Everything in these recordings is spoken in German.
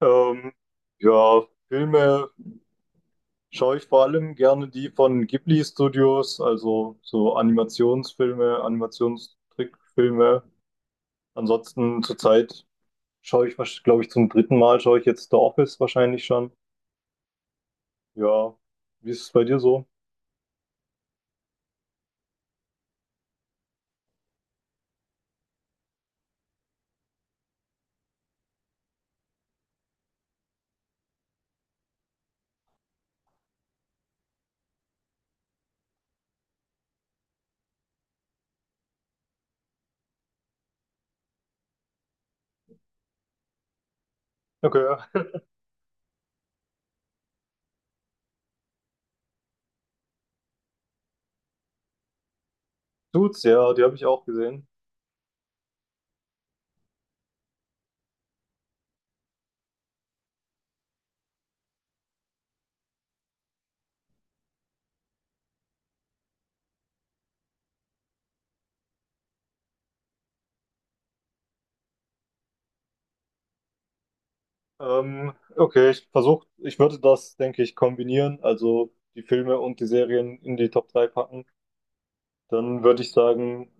Ähm, ja, Filme schaue ich vor allem gerne die von Ghibli Studios, also so Animationsfilme, Animationstrickfilme. Ansonsten zurzeit schaue ich, glaube ich, zum dritten Mal schaue ich jetzt The Office wahrscheinlich schon. Ja, wie ist es bei dir so? Okay, ja. Suits, ja, die habe ich auch gesehen. Okay, ich würde das, denke ich, kombinieren, also die Filme und die Serien in die Top 3 packen. Dann würde ich sagen,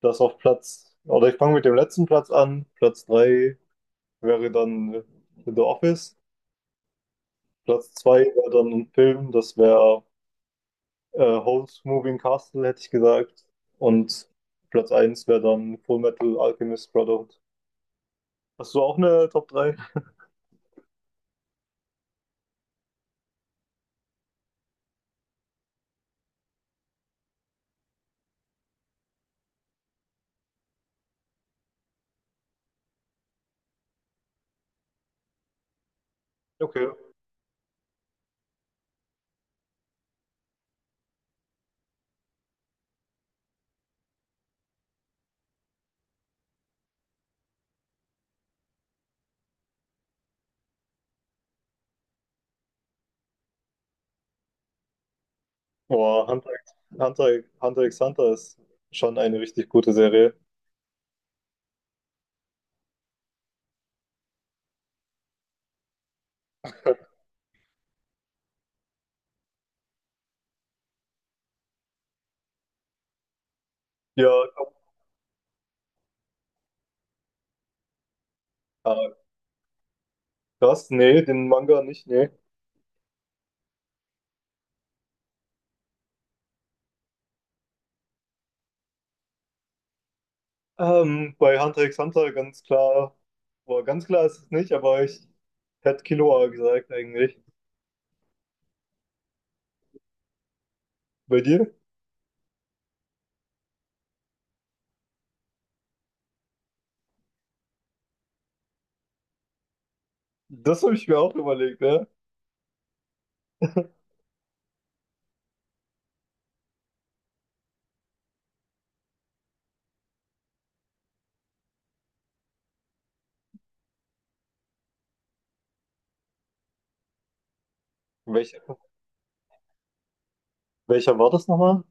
Oder ich fange mit dem letzten Platz an. Platz 3 wäre dann The Office. Platz 2 wäre dann ein Film, das wäre Howl's Moving Castle, hätte ich gesagt. Und Platz eins wäre dann Full Metal Alchemist Brotherhood. Hast du auch eine Top drei? Okay. Boah, Hunter, Hunter x Hunter ist schon eine richtig gute Serie. Ja, äh, krass, nee, den Manga nicht, nee. Bei Hunter x Hunter ganz klar, boah, ganz klar ist es nicht, aber ich hätte Killua gesagt eigentlich. Bei dir? Das habe ich mir auch überlegt, ne? Welch, welcher war das nochmal?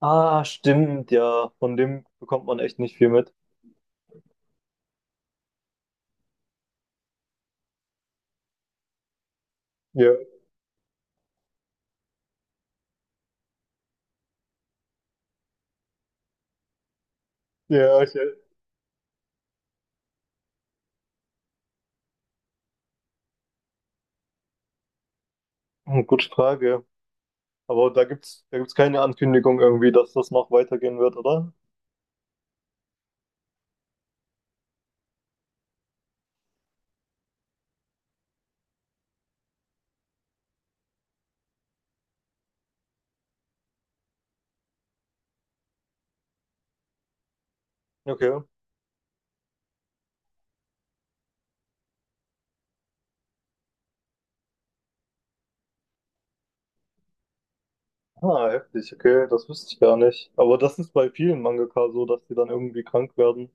Ah, stimmt, ja. Von dem bekommt man echt nicht viel mit. Ja, ja, hm, gute Frage. Aber da gibt's keine Ankündigung irgendwie, dass das noch weitergehen wird, oder? Okay. Ah, heftig, okay, das wusste ich gar nicht. Aber das ist bei vielen Mangaka so, dass die dann irgendwie krank werden.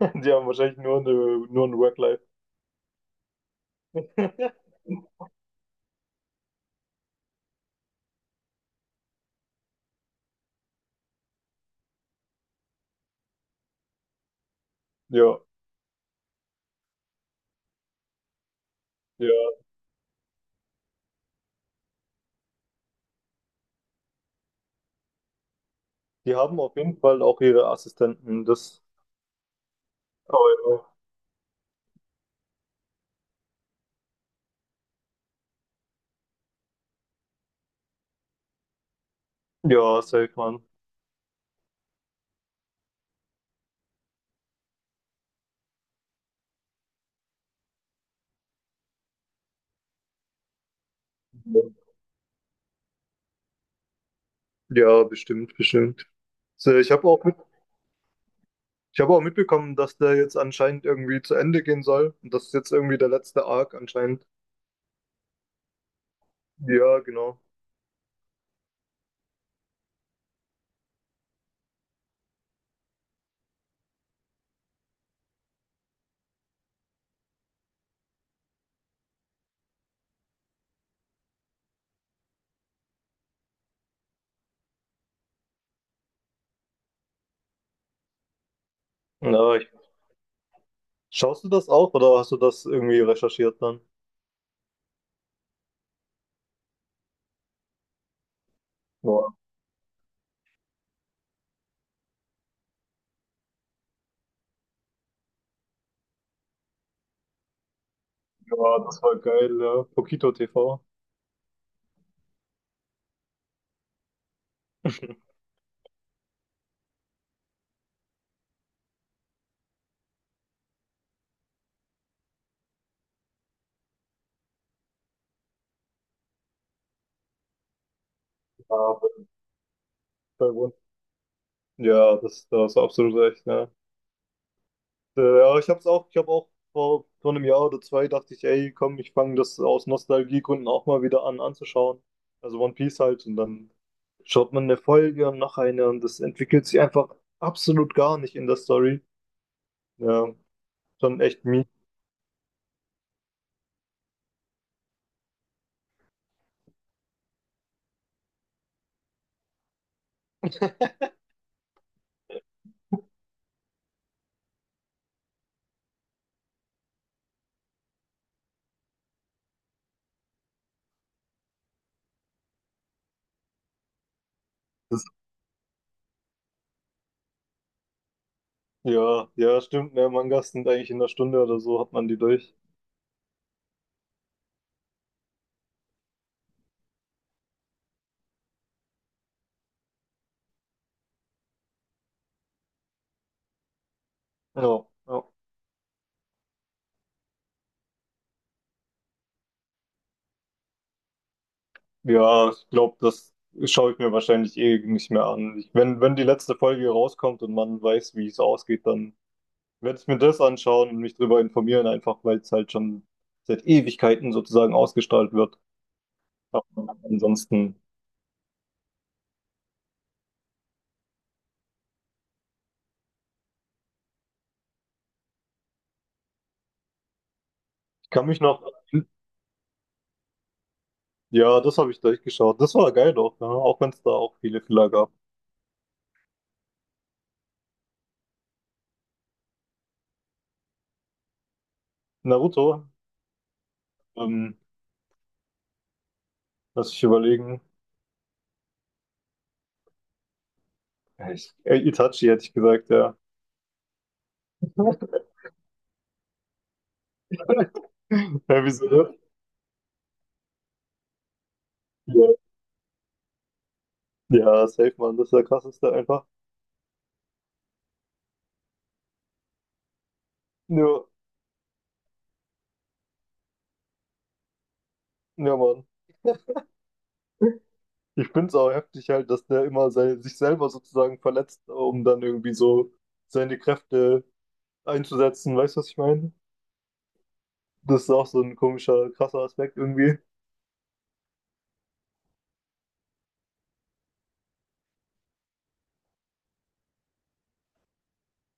Die haben wahrscheinlich nur ein Work-Life. Ja, ja. Die haben auf jeden Fall auch ihre Assistenten. Das, aber ja, ja, safe, Mann. Ja, bestimmt, bestimmt. So, ich habe auch mitbekommen, dass der jetzt anscheinend irgendwie zu Ende gehen soll. Und das ist jetzt irgendwie der letzte Arc anscheinend. Ja, genau. Ja, schaust du das auch oder hast du das irgendwie recherchiert dann? Boah, ja, das war geil, ja. Pokito TV. Ja, bei- bei One. Ja, da hast du absolut recht, ja. Ja, ich habe auch vor, vor einem Jahr oder zwei dachte ich, ey, komm, ich fange das aus Nostalgiegründen auch mal wieder an anzuschauen. Also One Piece halt und dann schaut man eine Folge und noch eine und das entwickelt sich einfach absolut gar nicht in der Story. Ja, schon echt mies. Das, ja, ja, stimmt, ne, Mangas sind eigentlich in einer Stunde oder so hat man die durch. Ja, ja. Ja, ich glaube, das schaue ich mir wahrscheinlich eh nicht mehr an. Ich, wenn, wenn die letzte Folge rauskommt und man weiß, wie es ausgeht, dann werde ich mir das anschauen und mich darüber informieren, einfach weil es halt schon seit Ewigkeiten sozusagen ausgestrahlt wird. Aber ansonsten, ich kann mich noch. Ja, das habe ich durchgeschaut. Das war geil doch, ja, auch wenn es da auch viele Fehler gab. Naruto, ähm, lass ich überlegen. Itachi hätte ich gesagt, ja. Ja, wieso? Ja, ja safe, Mann, das ist der krasseste einfach. Nur ja, Mann. Ich finde es auch heftig halt, dass der immer sich selber sozusagen verletzt, um dann irgendwie so seine Kräfte einzusetzen. Weißt du, was ich meine? Das ist auch so ein komischer, krasser Aspekt irgendwie.